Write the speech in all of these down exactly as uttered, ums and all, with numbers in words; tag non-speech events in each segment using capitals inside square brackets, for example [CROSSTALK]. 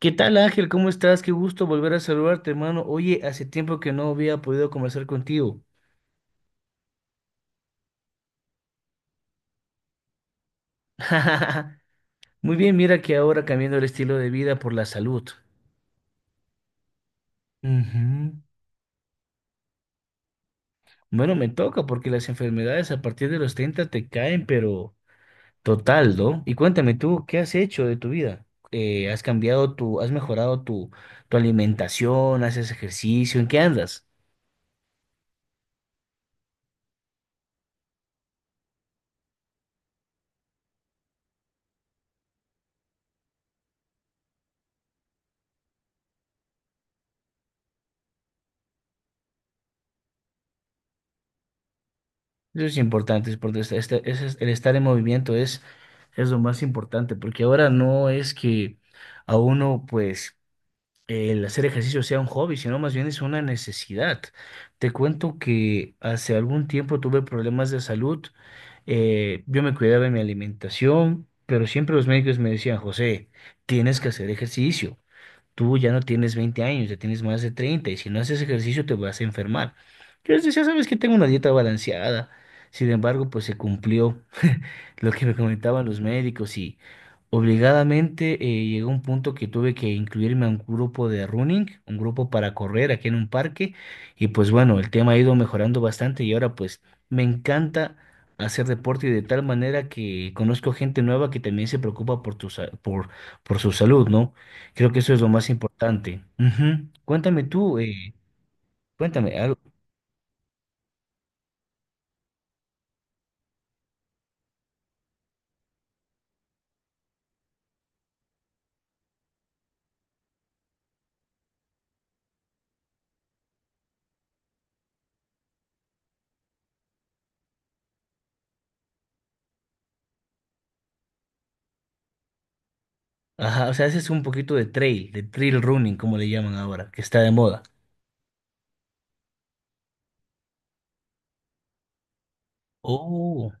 ¿Qué tal, Ángel? ¿Cómo estás? Qué gusto volver a saludarte, hermano. Oye, hace tiempo que no había podido conversar contigo. [LAUGHS] Muy bien, mira que ahora cambiando el estilo de vida por la salud. Ujú. Bueno, me toca porque las enfermedades a partir de los treinta te caen, pero total, ¿no? Y cuéntame tú, ¿qué has hecho de tu vida? Eh, ¿has cambiado tu, Has mejorado tu, tu alimentación? ¿Haces ejercicio? ¿En qué andas? Eso es importante, es porque este- este- ese es- el estar en movimiento es, es lo más importante, porque ahora no es que a uno, pues, el hacer ejercicio sea un hobby, sino más bien es una necesidad. Te cuento que hace algún tiempo tuve problemas de salud. Eh, yo me cuidaba de mi alimentación, pero siempre los médicos me decían: José, tienes que hacer ejercicio, tú ya no tienes veinte años, ya tienes más de treinta y si no haces ejercicio te vas a enfermar. Yo les decía, sabes que tengo una dieta balanceada. Sin embargo, pues se cumplió [LAUGHS] lo que me comentaban los médicos y obligadamente eh, llegó un punto que tuve que incluirme a un grupo de running, un grupo para correr aquí en un parque, y pues bueno, el tema ha ido mejorando bastante y ahora pues me encanta hacer deporte, y de tal manera que conozco gente nueva que también se preocupa por tu, sa- por, por su salud, ¿no? Creo que eso es lo más importante. Ujú. Cuéntame tú, eh, cuéntame algo. Ajá, o sea, haces un poquito de trail, de trail running, como le llaman ahora, que está de moda. Oh,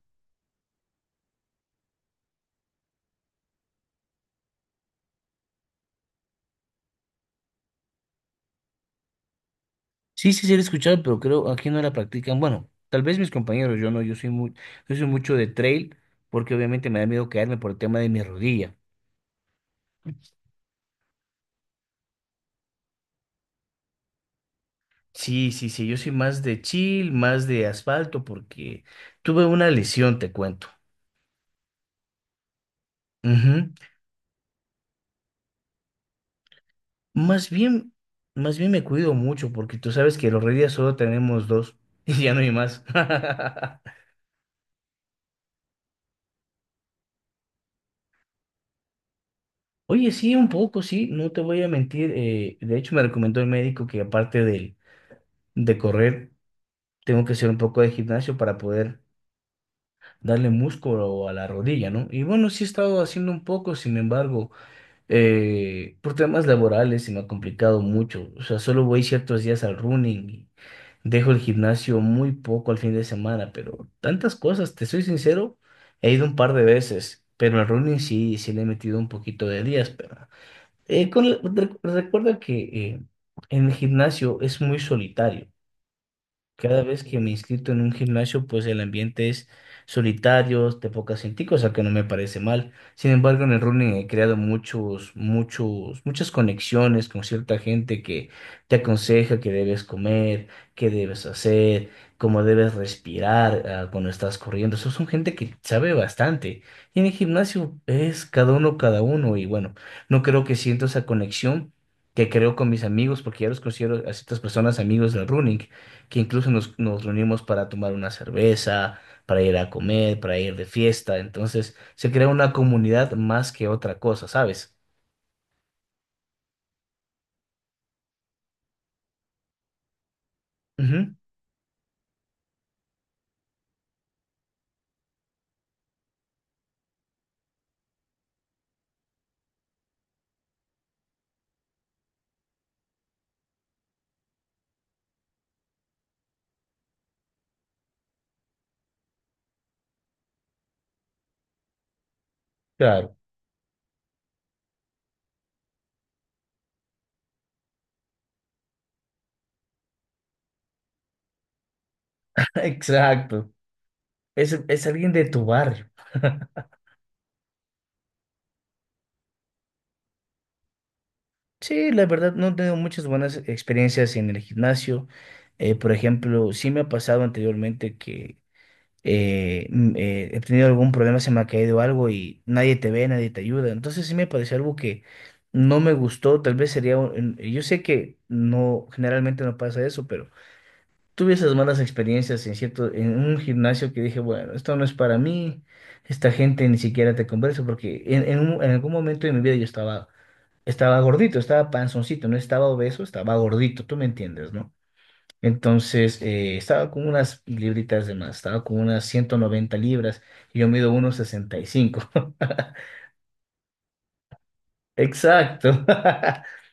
sí, sí, sí, lo he escuchado, pero creo aquí no la practican. Bueno, tal vez mis compañeros, yo no, yo soy muy, yo soy mucho de trail, porque obviamente me da miedo caerme por el tema de mi rodilla. Sí, sí, sí, yo soy más de chill, más de asfalto, porque tuve una lesión, te cuento. Ujú. Más bien, más bien me cuido mucho porque tú sabes que los reyes solo tenemos dos [LAUGHS] y ya no hay más. [LAUGHS] Oye, sí, un poco, sí, no te voy a mentir. eh, de hecho, me recomendó el médico que aparte del- de correr, tengo que hacer un poco de gimnasio para poder darle músculo a la rodilla, ¿no? Y bueno, sí he estado haciendo un poco, sin embargo, Eh, por temas laborales se me ha complicado mucho. O sea, solo voy ciertos días al running y dejo el gimnasio muy poco al fin de semana, pero tantas cosas, te soy sincero, he ido un par de veces, pero al running sí, sí le he metido un poquito de días, pero eh, con la- re- recuerda que eh, en el gimnasio es muy solitario. Cada vez que me he inscrito en un gimnasio, pues el ambiente es solitario, de poca gente, cosa que no me parece mal. Sin embargo, en el running he creado muchos, muchos, muchas conexiones con cierta gente que te aconseja qué debes comer, qué debes hacer, cómo debes respirar, ah, cuando estás corriendo. Eso son gente que sabe bastante. Y en el gimnasio es cada uno, cada uno. Y bueno, no creo que siento esa conexión que creo con mis amigos, porque ya los considero a ciertas personas amigos del running, que incluso nos, nos reunimos para tomar una cerveza, para ir a comer, para ir de fiesta. Entonces se crea una comunidad más que otra cosa, ¿sabes? Ujú, claro, [LAUGHS] exacto. Es, es alguien de tu barrio. Sí, la verdad no he tenido muchas buenas experiencias en el gimnasio. Eh, por ejemplo, sí me ha pasado anteriormente que eh, mm, eh, he tenido algún problema, se me ha caído algo y nadie te ve, nadie te ayuda. Entonces sí me pareció algo que no me gustó, tal vez sería, un- en- yo sé que no, generalmente no pasa eso, pero tuve esas malas experiencias en cierto, en un gimnasio que dije, bueno, esto no es para mí, esta gente ni siquiera te conversa, porque en, en un- en algún momento de mi vida yo estaba, estaba gordito, estaba panzoncito, no estaba obeso, estaba gordito, tú me entiendes, ¿no? Entonces, eh, estaba con unas libritas de más, estaba con unas ciento noventa libras y yo mido uno sesenta y cinco. [LAUGHS] Exacto.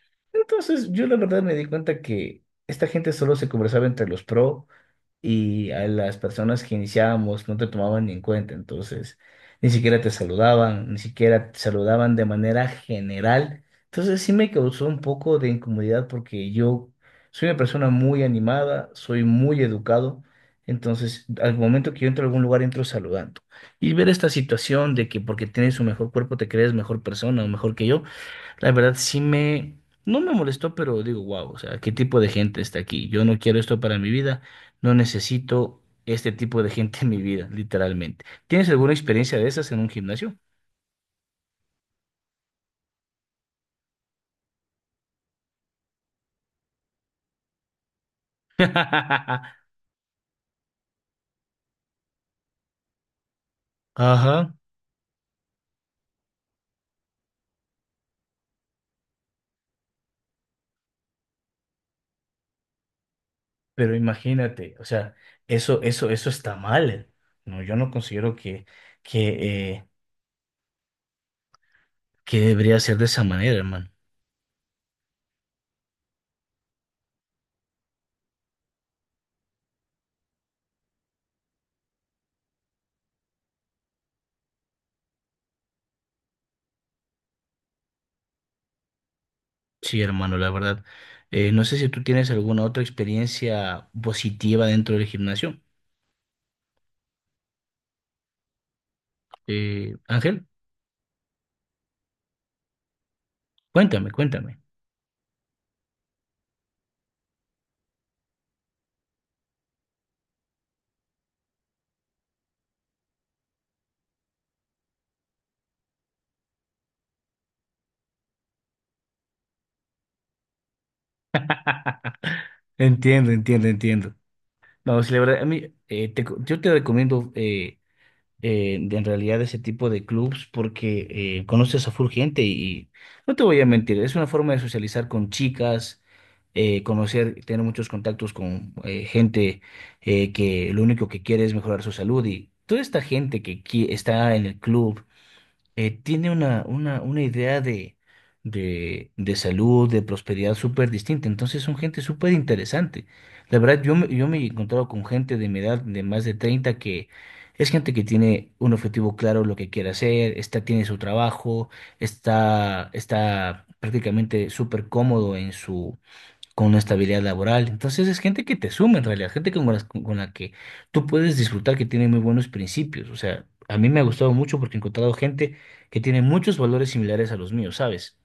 [LAUGHS] Entonces, yo la verdad me di cuenta que esta gente solo se conversaba entre los pro, y a las personas que iniciábamos no te tomaban ni en cuenta, entonces ni siquiera te saludaban, ni siquiera te saludaban de manera general. Entonces sí me causó un poco de incomodidad porque yo soy una persona muy animada, soy muy educado, entonces al momento que yo entro a algún lugar entro saludando. Y ver esta situación de que porque tienes un mejor cuerpo te crees mejor persona o mejor que yo, la verdad sí me, no me molestó, pero digo, wow, o sea, ¿qué tipo de gente está aquí? Yo no quiero esto para mi vida, no necesito este tipo de gente en mi vida, literalmente. ¿Tienes alguna experiencia de esas en un gimnasio? [LAUGHS] Ajá, pero imagínate, o sea, eso, eso, eso está mal. eh. No, yo no considero que, que, eh, que debería ser de esa manera, hermano. Sí, hermano, la verdad. Eh, no sé si tú tienes alguna otra experiencia positiva dentro del gimnasio, eh, Ángel. Cuéntame, cuéntame. [LAUGHS] Entiendo, entiendo, entiendo. No, si la verdad, a mí, eh, te co- yo te recomiendo eh, eh, de- en realidad ese tipo de clubs porque eh, conoces a full gente y no te voy a mentir, es una forma de socializar con chicas, eh, conocer, tener muchos contactos con eh, gente eh, que lo único que quiere es mejorar su salud, y toda esta gente que qui- está en el club eh, tiene una, una, una idea de, de, de salud, de prosperidad súper distinta. Entonces son gente súper interesante. La verdad, yo, me- yo me he encontrado con gente de mi edad, de más de treinta, que es gente que tiene un objetivo claro, lo que quiere hacer, está, tiene su trabajo, está, está prácticamente súper cómodo en su, con una estabilidad laboral. Entonces es gente que te suma en realidad, gente con las- con la, que tú puedes disfrutar, que tiene muy buenos principios. O sea, a mí me ha gustado mucho porque he encontrado gente que tiene muchos valores similares a los míos, ¿sabes?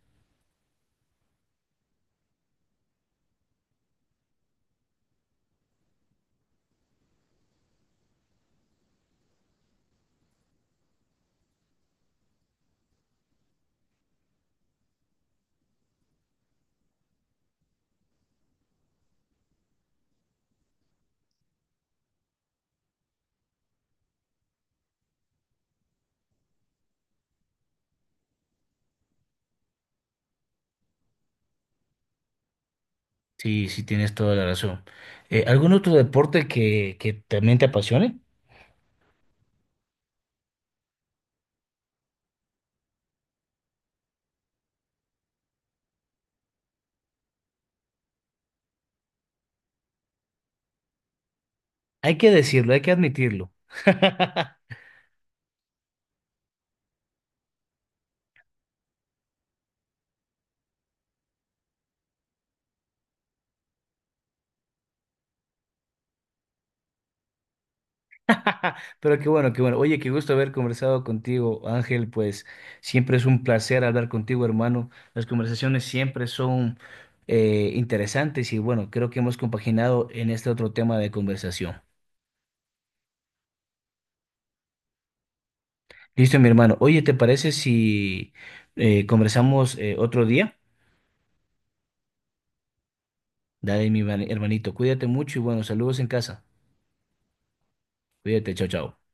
Sí, sí, tienes toda la razón. Eh, ¿algún otro deporte que, que también te apasione? Hay que decirlo, hay que admitirlo. [LAUGHS] [LAUGHS] Pero qué bueno, qué bueno. Oye, qué gusto haber conversado contigo, Ángel. Pues siempre es un placer hablar contigo, hermano. Las conversaciones siempre son eh, interesantes, y bueno, creo que hemos compaginado en este otro tema de conversación. Listo, mi hermano. Oye, ¿te parece si eh, conversamos eh, otro día? Dale, mi hermani- hermanito, cuídate mucho y bueno, saludos en casa. Cuídate, chao, chao.